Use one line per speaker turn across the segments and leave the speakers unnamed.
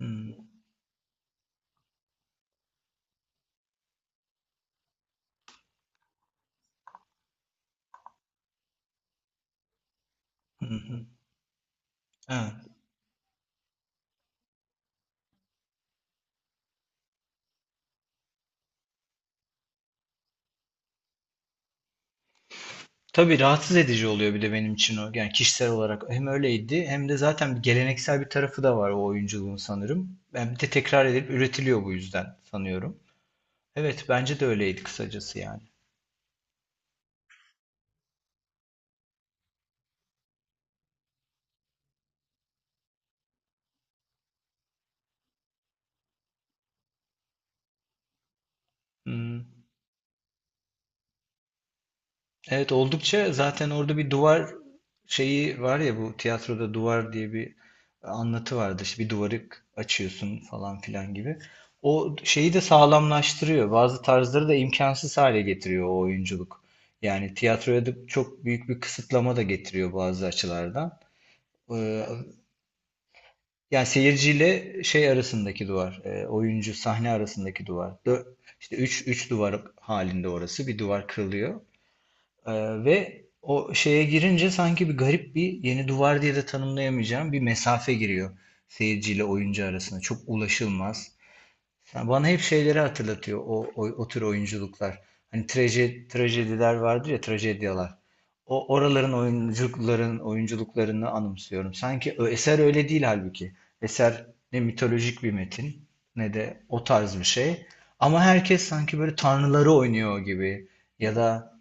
Hımm. Hı hı. Evet. Tabii rahatsız edici oluyor bir de benim için o. Yani kişisel olarak hem öyleydi hem de zaten bir geleneksel bir tarafı da var o oyunculuğun sanırım. Yani bir de tekrar edilip üretiliyor bu yüzden sanıyorum. Evet bence de öyleydi kısacası yani. Hı. Evet oldukça zaten orada bir duvar şeyi var ya, bu tiyatroda duvar diye bir anlatı vardı. İşte bir duvarı açıyorsun falan filan gibi. O şeyi de sağlamlaştırıyor. Bazı tarzları da imkansız hale getiriyor o oyunculuk. Yani tiyatroya da çok büyük bir kısıtlama da getiriyor bazı açılardan. Ee, Yani seyirciyle şey arasındaki duvar, oyuncu sahne arasındaki duvar. İşte üç duvar halinde orası. Bir duvar kırılıyor. Ee, Ve o şeye girince sanki bir garip bir yeni duvar diye de tanımlayamayacağım bir mesafe giriyor seyirciyle oyuncu arasında. Çok ulaşılmaz. Yani bana hep şeyleri hatırlatıyor o tür oyunculuklar. Hani trajediler vardır ya, trajedyalar. O oraların oyunculuklarını anımsıyorum. Sanki eser öyle değil halbuki. Eser ne mitolojik bir metin ne de o tarz bir şey. Ama herkes sanki böyle tanrıları oynuyor gibi ya da.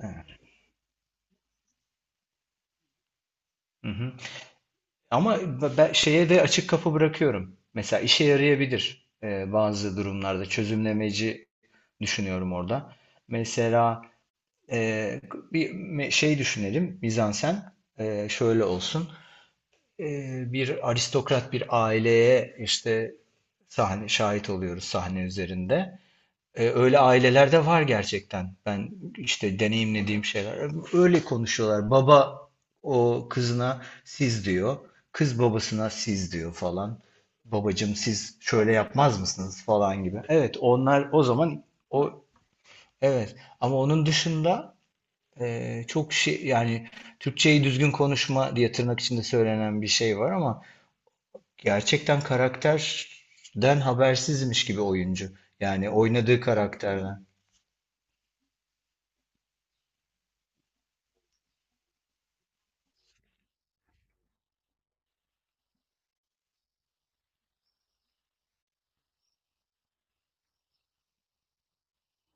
Evet. Hı hı. Ama ben şeye de açık kapı bırakıyorum. Mesela işe yarayabilir bazı durumlarda. Çözümlemeci düşünüyorum orada. Mesela e, bir şey düşünelim. Mizansen şöyle olsun. E, Bir aristokrat bir aileye işte sahne şahit oluyoruz sahne üzerinde. Öyle aileler de var gerçekten. Ben işte deneyimlediğim şeyler. Öyle konuşuyorlar. Baba o kızına siz diyor. Kız babasına siz diyor falan. Babacım siz şöyle yapmaz mısınız falan gibi. Evet, onlar o zaman o evet, ama onun dışında çok şey yani, Türkçeyi düzgün konuşma diye tırnak içinde söylenen bir şey var ama gerçekten karakterden habersizmiş gibi oyuncu. Yani oynadığı karakterden.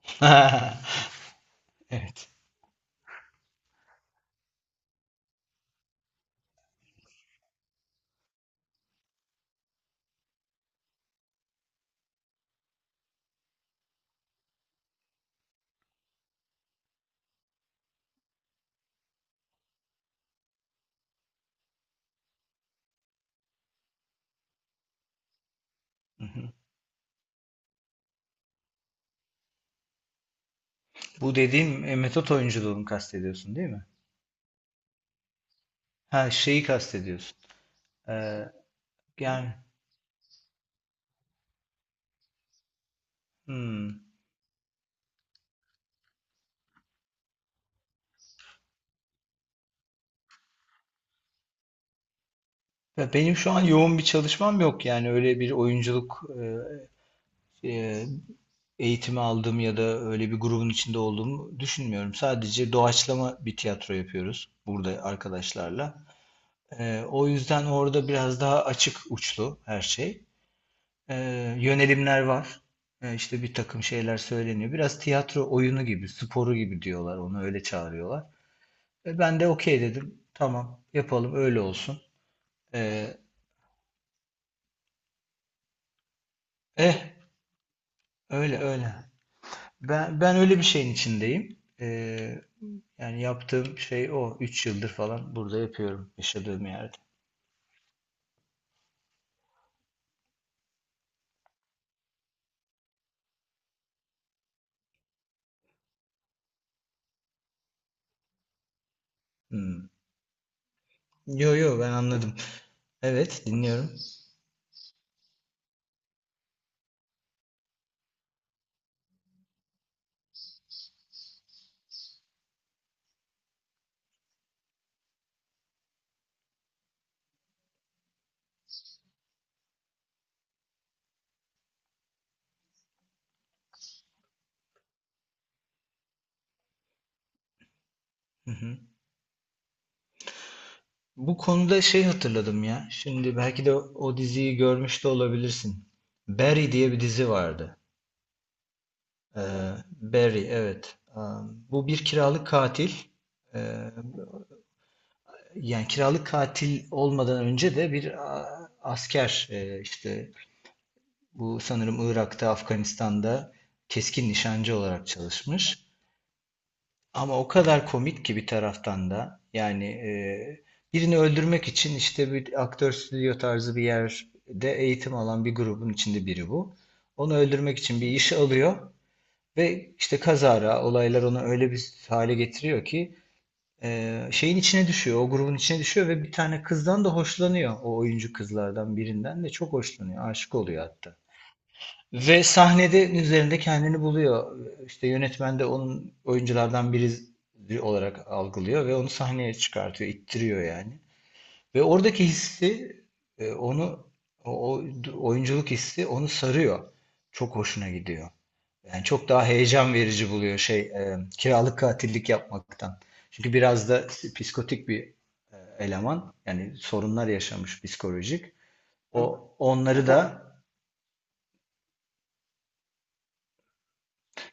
Evet. Hı hı. Bu dediğin metot oyunculuğunu kastediyorsun değil mi? Ha şeyi kastediyorsun. Ee, Yani hmm. Ya benim şu an yoğun bir çalışmam yok, yani öyle bir oyunculuk e, e, eğitimi aldığım ya da öyle bir grubun içinde olduğumu düşünmüyorum. Sadece doğaçlama bir tiyatro yapıyoruz burada arkadaşlarla. O yüzden orada biraz daha açık uçlu her şey. e, Yönelimler var. İşte bir takım şeyler söyleniyor. Biraz tiyatro oyunu gibi, sporu gibi diyorlar. Onu öyle çağırıyorlar. Ben de okey dedim. Tamam, yapalım öyle olsun. E, eh, Öyle öyle. Ben öyle bir şeyin içindeyim. Yani yaptığım şey o. 3 yıldır falan burada yapıyorum yaşadığım yerde. Hmm. Yo yo, ben anladım. Evet, dinliyorum. Hı hı. Bu konuda şey hatırladım ya. Şimdi belki de o diziyi görmüş de olabilirsin. Barry diye bir dizi vardı. Ee, Barry, evet. Bu bir kiralık katil. Ee, Yani kiralık katil olmadan önce de bir asker. İşte bu sanırım Irak'ta, Afganistan'da keskin nişancı olarak çalışmış. Ama o kadar komik ki bir taraftan da, yani birini öldürmek için işte bir aktör stüdyo tarzı bir yerde eğitim alan bir grubun içinde biri bu. Onu öldürmek için bir iş alıyor ve işte kazara olaylar onu öyle bir hale getiriyor ki şeyin içine düşüyor, o grubun içine düşüyor ve bir tane kızdan da hoşlanıyor. O oyuncu kızlardan birinden de çok hoşlanıyor, aşık oluyor hatta. Ve sahnede üzerinde kendini buluyor. İşte yönetmen de onun oyunculardan biri olarak algılıyor ve onu sahneye çıkartıyor, ittiriyor yani. Ve oradaki hissi, onu, o o- oyunculuk hissi onu sarıyor. Çok hoşuna gidiyor. Yani çok daha heyecan verici buluyor şey, kiralık katillik yapmaktan. Çünkü biraz da psikotik bir eleman. Yani sorunlar yaşamış psikolojik. O onları da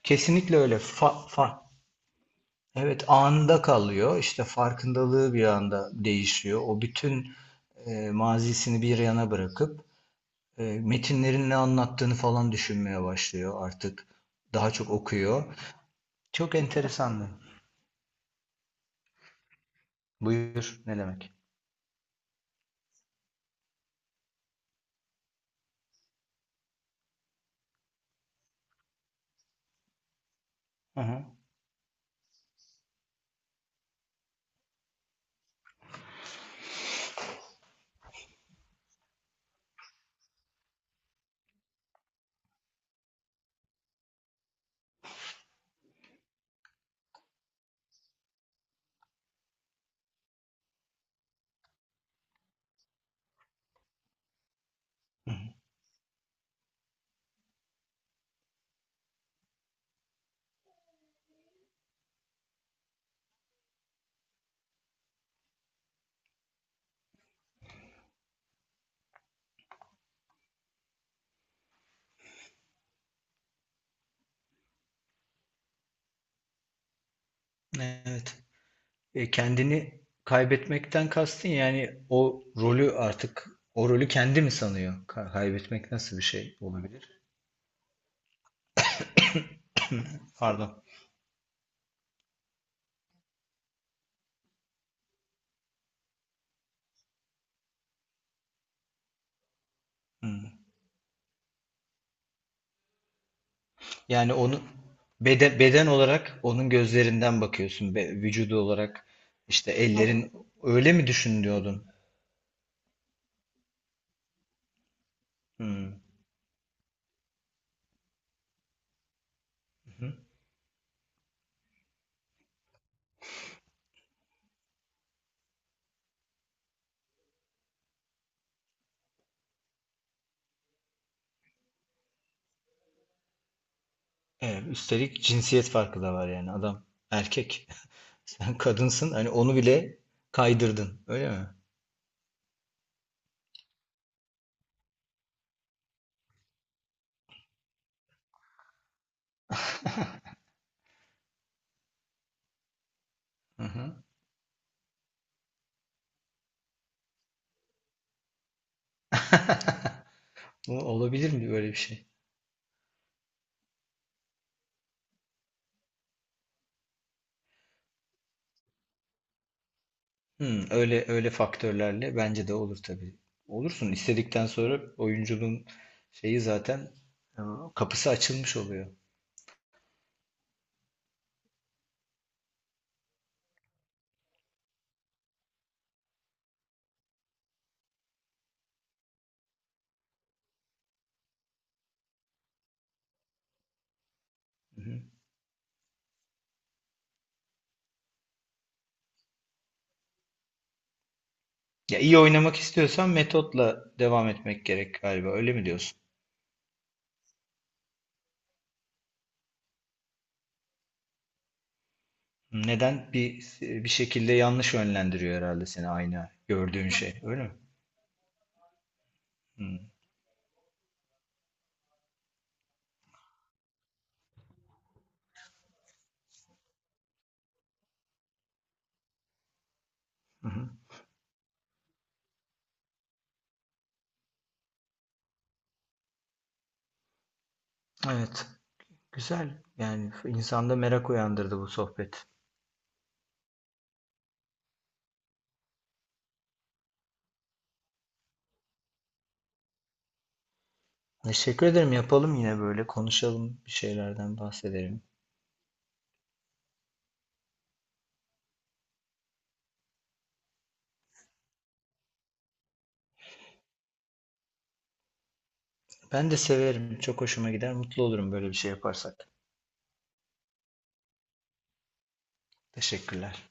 kesinlikle öyle evet, anında kalıyor. İşte farkındalığı bir anda değişiyor. O bütün mazisini bir yana bırakıp metinlerin ne anlattığını falan düşünmeye başlıyor artık. Daha çok okuyor. Çok enteresandı. Buyur ne demek? Hı hı. Evet. Kendini kaybetmekten kastın yani o rolü artık, o rolü kendi mi sanıyor? Kaybetmek nasıl bir şey olabilir? Pardon. Hı. Yani onu beden olarak onun gözlerinden bakıyorsun. Vücudu olarak işte, evet, ellerin, öyle mi düşünüyordun? Hmm. Hı. Evet, üstelik cinsiyet farkı da var, yani adam erkek. Sen kadınsın, hani onu bile kaydırdın öyle mi? Hı hı. Bu olabilir mi böyle bir şey? Hmm, öyle öyle faktörlerle bence de olur tabii. Olursun, istedikten sonra oyunculuğun şeyi zaten, e, kapısı açılmış oluyor. Ya iyi oynamak istiyorsan metotla devam etmek gerek galiba. Öyle mi diyorsun? Neden? Bir şekilde yanlış yönlendiriyor herhalde seni, aynı gördüğün şey. Öyle mi? Hmm. Hı hı. Evet. Güzel. Yani insanda merak uyandırdı bu sohbet. Teşekkür ederim. Yapalım yine böyle. Konuşalım. Bir şeylerden bahsedelim. Ben de severim. Çok hoşuma gider. Mutlu olurum böyle bir şey yaparsak. Teşekkürler.